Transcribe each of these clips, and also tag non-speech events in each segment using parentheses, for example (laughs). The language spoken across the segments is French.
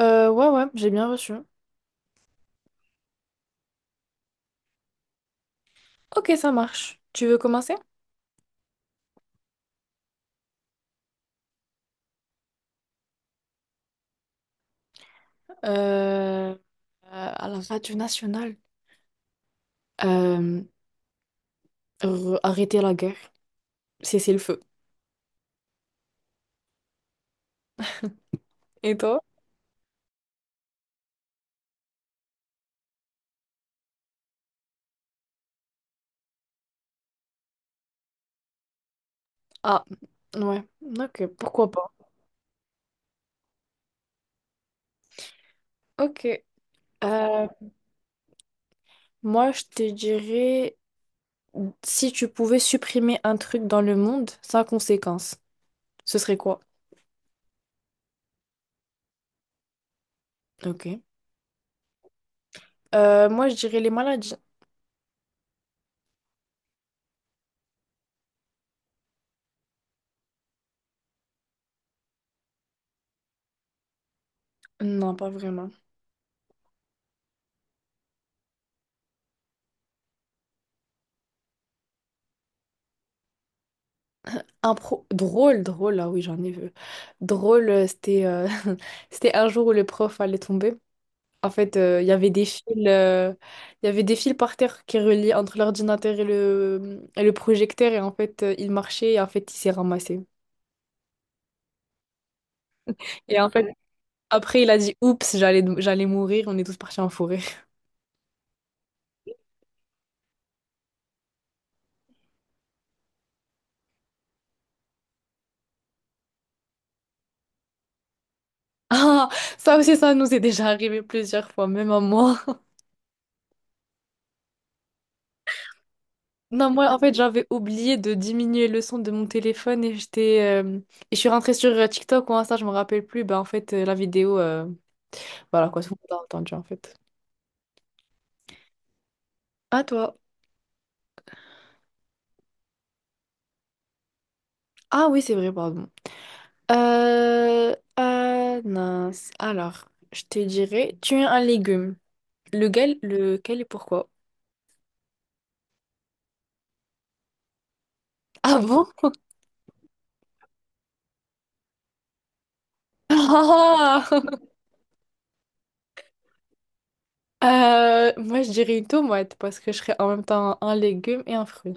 Ouais, ouais, j'ai bien reçu. Ok, ça marche. Tu veux commencer? Euh, euh, à la radio nationale. Euh, Arrêter la guerre. Cesser le feu. Et toi? Ah, ouais. Ok, pourquoi pas. Ok. Euh, Moi, je te dirais, si tu pouvais supprimer un truc dans le monde sans conséquence, ce serait quoi? Ok. Moi, je dirais les maladies. Non, pas vraiment. Impro drôle, drôle, ah oui, j'en ai vu. Drôle, c'était (laughs) c'était un jour où le prof allait tomber. En fait, il y avait des fils par terre qui reliaient entre l'ordinateur et le projecteur. Et en fait, il marchait et en fait, il s'est ramassé. Et en fait, après, il a dit, Oups, j'allais mourir. On est tous partis en forêt. (laughs) Ah, ça aussi, ça nous est déjà arrivé plusieurs fois, même à moi. Non, moi, en fait, j'avais oublié de diminuer le son de mon téléphone et j'étais. Et je suis rentrée sur TikTok ou Insta, je me rappelle plus. Bah, en fait, la vidéo. Voilà quoi, tout le monde a entendu en fait. À toi. Ah oui, c'est vrai, pardon. Mince. Alors, je te dirais, tu es un légume. Lequel et pourquoi? Ah bon? (laughs) Ah, moi, je dirais une tomate parce que je serais en même temps un légume et un fruit.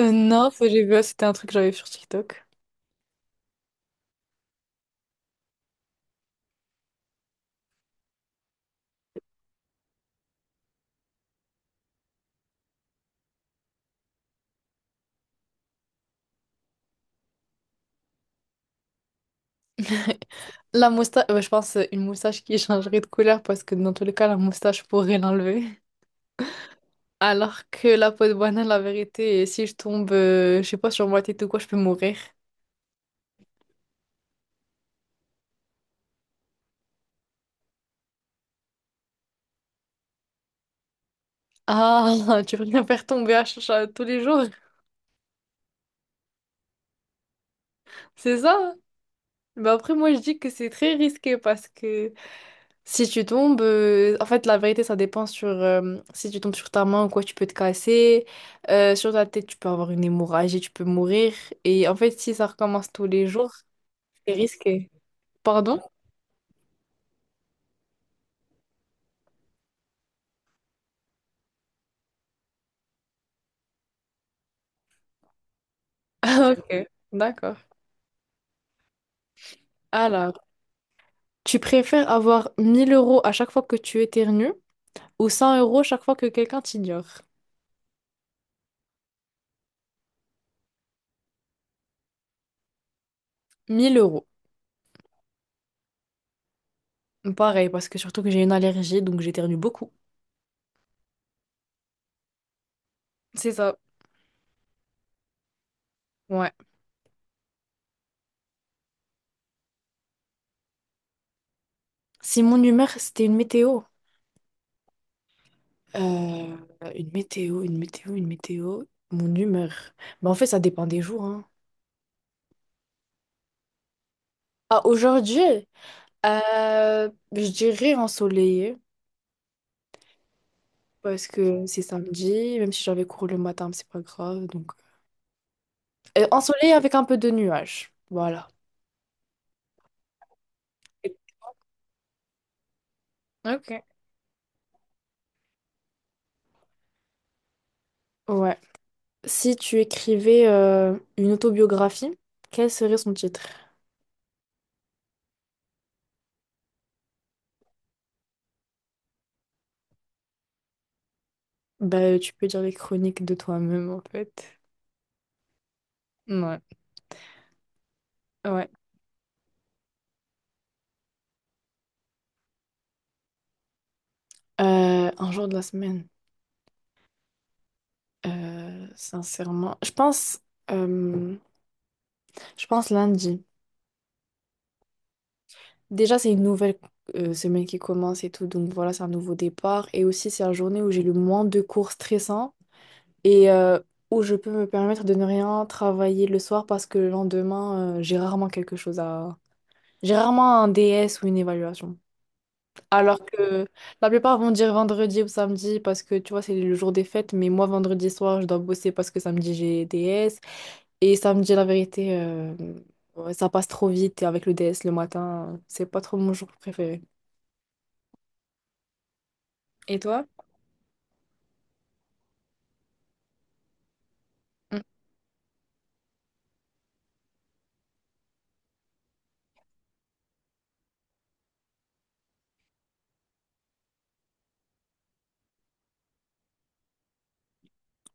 Non, ça, j'ai vu, c'était un truc que j'avais vu sur TikTok. (laughs) La moustache, je pense une moustache qui changerait de couleur parce que dans tous les cas, la moustache pourrait l'enlever. Alors que la peau de banane, la vérité, si je tombe, je sais pas, sur ma tête ou quoi, je peux mourir. Ah, (laughs) tu veux bien faire tomber tous les jours, c'est ça? Mais après, moi, je dis que c'est très risqué parce que si tu tombes, en fait, la vérité, ça dépend sur si tu tombes sur ta main ou quoi, tu peux te casser. Sur ta tête, tu peux avoir une hémorragie, tu peux mourir. Et en fait, si ça recommence tous les jours, c'est risqué. Pardon? Ok, d'accord. Alors, tu préfères avoir 1 000 € à chaque fois que tu éternues ou 100 € chaque fois que quelqu'un t'ignore? Mille euros. Pareil, parce que surtout que j'ai une allergie, donc j'éternue beaucoup. C'est ça, ouais. Si mon humeur, c'était une météo. Euh, une météo, une météo, une météo. Mon humeur. Bah, en fait, ça dépend des jours, hein. Ah, aujourd'hui, je dirais ensoleillé, parce que c'est samedi, même si j'avais cours le matin, mais c'est pas grave, donc... Ensoleillé avec un peu de nuages. Voilà. Ok. Ouais. Si tu écrivais une autobiographie, quel serait son titre? Bah, tu peux dire les chroniques de toi-même, en fait. Ouais. Ouais. Un jour de la semaine. Sincèrement, euh, je pense lundi. Déjà, c'est une nouvelle semaine qui commence et tout, donc voilà, c'est un nouveau départ. Et aussi, c'est la journée où j'ai le moins de cours stressants et où je peux me permettre de ne rien travailler le soir parce que le lendemain, j'ai rarement quelque chose à... J'ai rarement un DS ou une évaluation. Alors que la plupart vont dire vendredi ou samedi parce que tu vois, c'est le jour des fêtes, mais moi, vendredi soir, je dois bosser parce que samedi, j'ai DS. Et samedi, la vérité, ouais, ça passe trop vite et avec le DS le matin, c'est pas trop mon jour préféré. Et toi? Mm.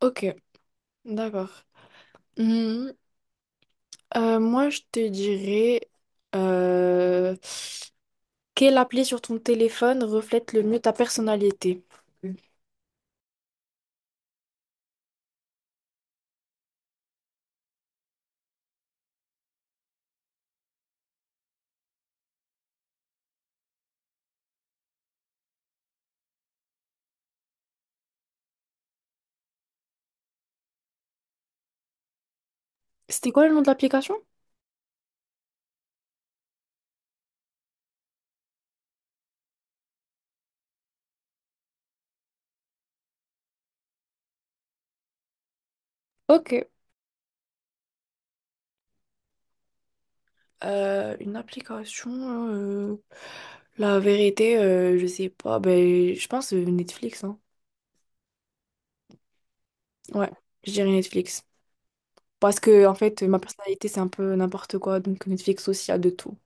Ok, d'accord. Moi, je te dirais euh, quelle appli sur ton téléphone reflète le mieux ta personnalité? C'était quoi le nom de l'application? Ok. Une application, euh, la vérité, je sais pas. Ben, je pense Netflix, hein. Ouais, je dirais Netflix. Parce que, en fait, ma personnalité, c'est un peu n'importe quoi. Donc, Netflix aussi a de tout.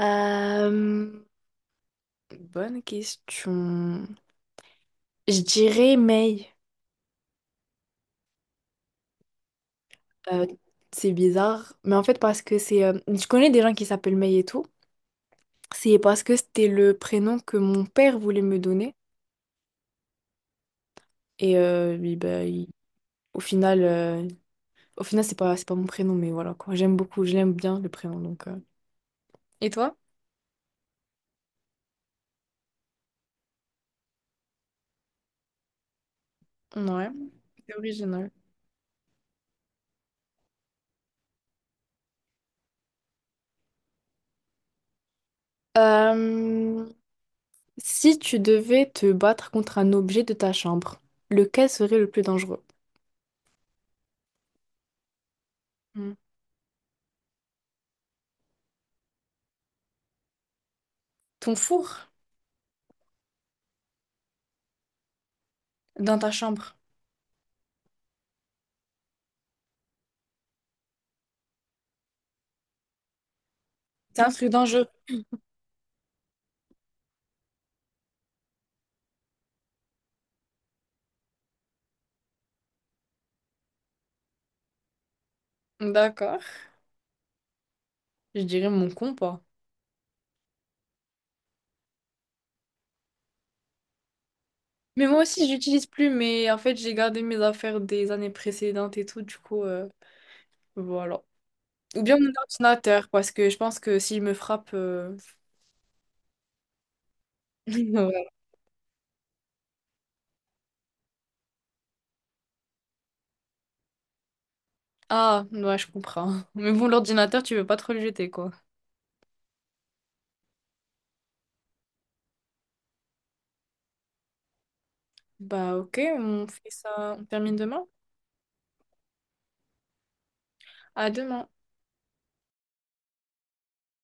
Euh, Bonne question. Je dirais Mail. Euh, c'est bizarre, mais en fait parce que c'est... je connais des gens qui s'appellent May et tout. C'est parce que c'était le prénom que mon père voulait me donner. Et lui, bah, au final, euh, au final c'est pas mon prénom, mais voilà quoi. J'aime beaucoup, je l'aime bien le prénom. Donc. Et toi? Ouais, c'est original. Euh, Si tu devais te battre contre un objet de ta chambre, lequel serait le plus dangereux? Hmm. Ton four dans ta chambre. C'est un truc dangereux. D'accord. Je dirais mon compas. Mais moi aussi, j'utilise plus, mais en fait, j'ai gardé mes affaires des années précédentes et tout, du coup, voilà. Ou bien mon ordinateur, parce que je pense que s'il me frappe. (laughs) Ouais. Ah, ouais, je comprends. Mais bon, l'ordinateur, tu veux pas trop le jeter, quoi. Bah, ok, on fait ça, on termine demain. À demain.